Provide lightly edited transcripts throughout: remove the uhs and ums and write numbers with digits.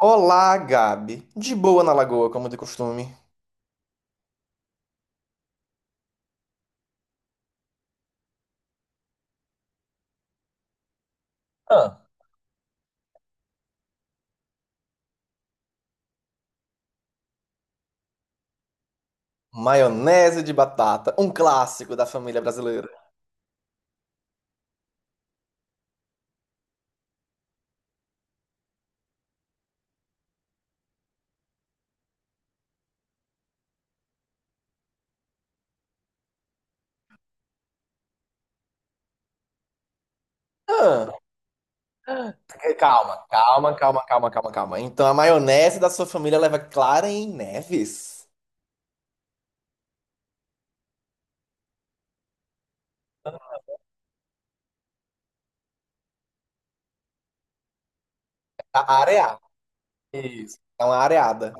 Olá, Gabi. De boa na lagoa, como de costume. Ah, maionese de batata, um clássico da família brasileira. Ah, calma, calma, calma, calma, calma, calma. Então a maionese da sua família leva clara em neves? A areá. Isso. É uma areada.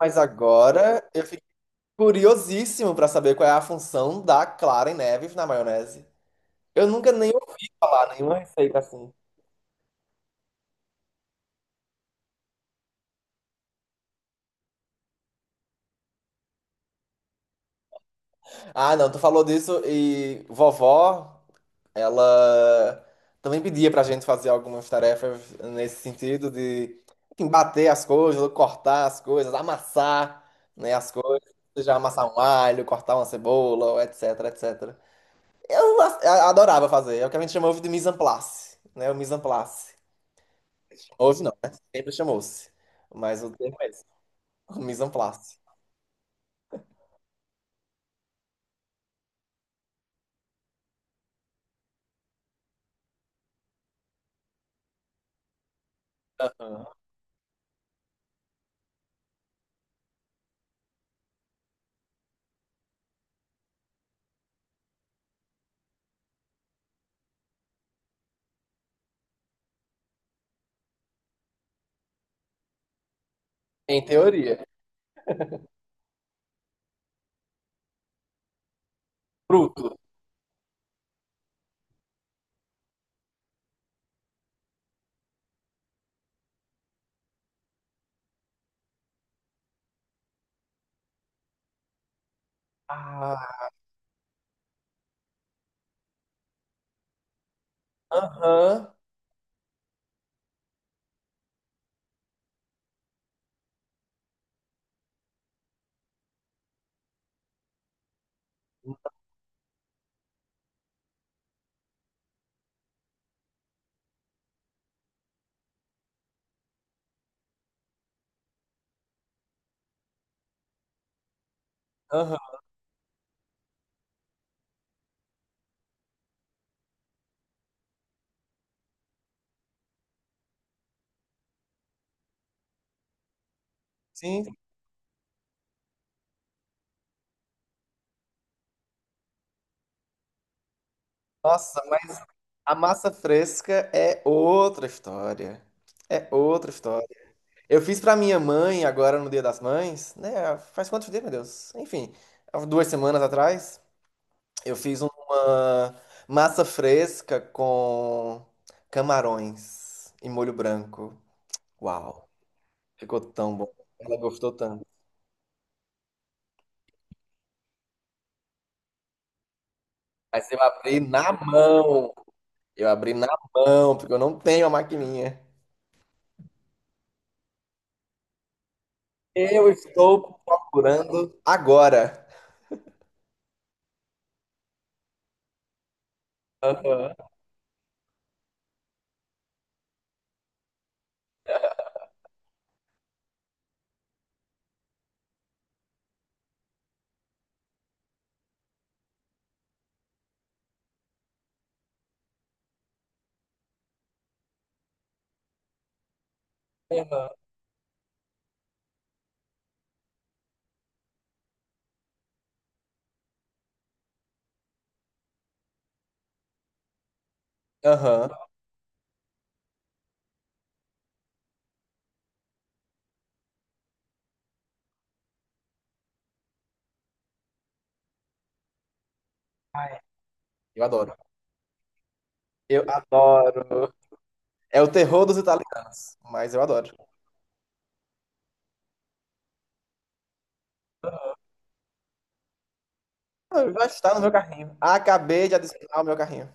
Mas agora eu fiquei curiosíssimo pra saber qual é a função da clara em neves na maionese. Eu nunca nem ouvi falar nenhuma receita assim. Ah, não, tu falou disso e vovó. Ela também pedia pra gente fazer algumas tarefas nesse sentido de enfim, bater as coisas, cortar as coisas, amassar, né, as coisas, seja amassar um alho, cortar uma cebola, etc, etc. Adorava fazer, é o que a gente chamava de mise en place, né, o mise en place. Hoje não, né? Sempre chamou-se, mas o termo é esse, o mise en place. Aham. Em teoria. Fruto. Ah, aham, aham. Sim. Nossa, a massa fresca é outra história. É outra história. Eu fiz pra minha mãe agora no Dia das Mães, né? Faz quantos dias, meu Deus? Enfim, há 2 semanas atrás, eu fiz uma massa fresca com camarões e molho branco. Uau, ficou tão bom. Ela gostou tanto. Mas eu abri na mão. Eu abri na mão, porque eu não tenho a maquininha. Eu estou procurando agora. Aham. Aham. Ai, eu adoro. Eu adoro. É o terror dos italianos, mas eu adoro. Ah, já está no meu carrinho. Acabei de adicionar o meu carrinho.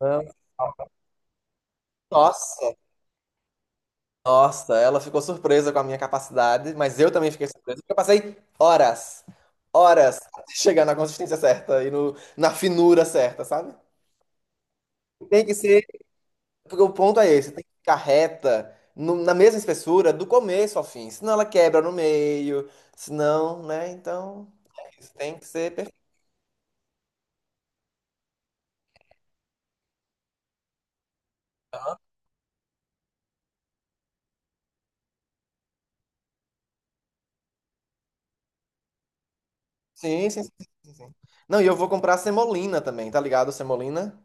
Não. Nossa, nossa, ela ficou surpresa com a minha capacidade, mas eu também fiquei surpresa, porque eu passei horas, horas, até chegar na consistência certa e no, na finura certa, sabe? Tem que ser, porque o ponto é esse, tem que ficar reta, na mesma espessura, do começo ao fim, senão ela quebra no meio, senão, né, então... Isso tem que ser perfeito. Sim, sim, sim, sim, sim. Não, e eu vou comprar semolina também, tá ligado? Semolina.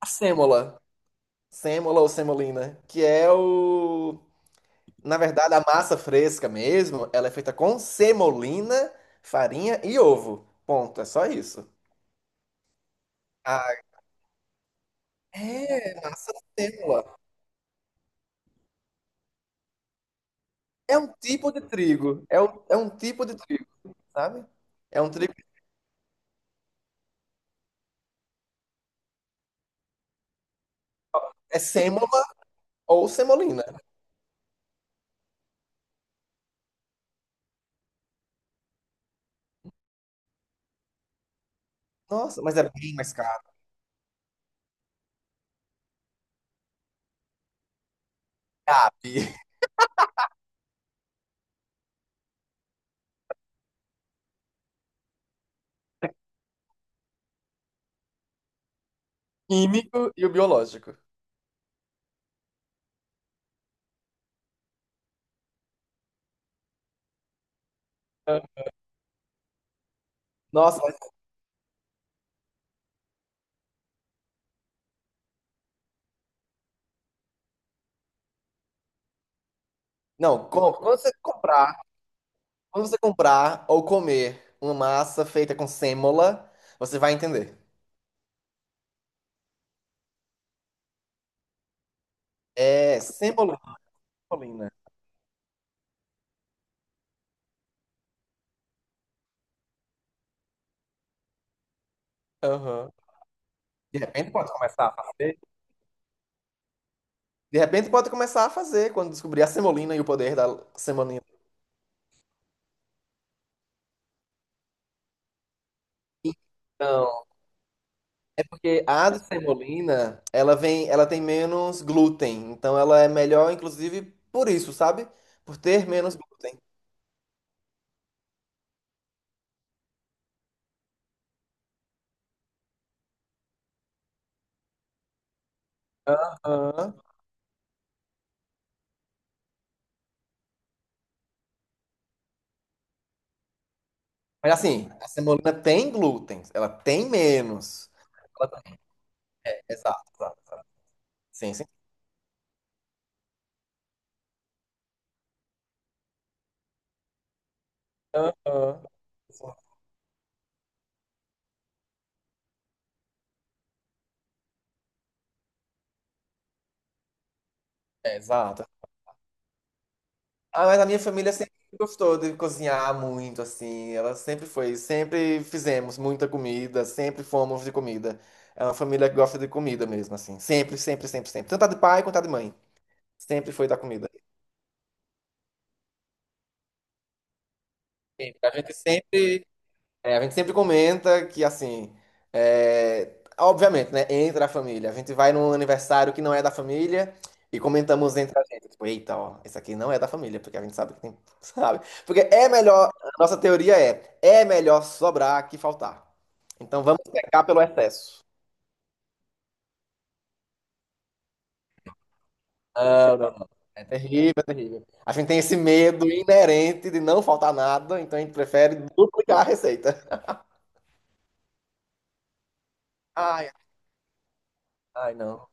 A sêmola. Sêmola ou semolina, que é o... Na verdade, a massa fresca mesmo, ela é feita com semolina, farinha e ovo. Ponto, é só isso. Ah, é massa sêmola. É um tipo de trigo. É um tipo de trigo, sabe? É um trigo. É sêmola ou semolina. Nossa, mas é bem mais caro. Cabe. Químico e o biológico. Nossa. Não, com- quando você comprar, ou comer uma massa feita com sêmola, você vai entender. É sêmola de semolina. Aham. De repente pode começar a fazer. De repente pode começar a fazer quando descobrir a semolina e o poder da semolina. Então, é porque a de semolina, ela tem menos glúten, então ela é melhor inclusive por isso, sabe? Por ter menos glúten. Aham. Mas assim, a semolina tem glúten, ela tem menos. Exato, exato, exato. Sim, sim. Aham. É, exato. Ah, mas a minha família sempre gostou de cozinhar muito, assim. Ela sempre foi, sempre fizemos muita comida, sempre fomos de comida. É uma família que gosta de comida mesmo, assim. Sempre, sempre, sempre, sempre. Tanto a de pai quanto a de mãe. Sempre foi da comida. Sempre. A gente sempre É, a gente sempre comenta que, assim, é, obviamente, né? Entra a família. A gente vai num aniversário que não é da família e comentamos entre a gente. Tipo, eita, ó, esse aqui não é da família, porque a gente sabe que tem, sabe? Porque é melhor, a nossa teoria é melhor sobrar que faltar. Então vamos pecar pelo excesso. Não, não, não. É terrível, é terrível. A gente tem esse medo inerente de não faltar nada, então a gente prefere duplicar a receita. Ai, ai, não.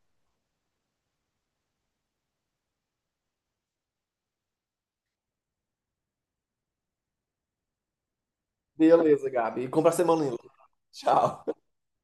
Beleza, Gabi. Compra a semana. Tchau.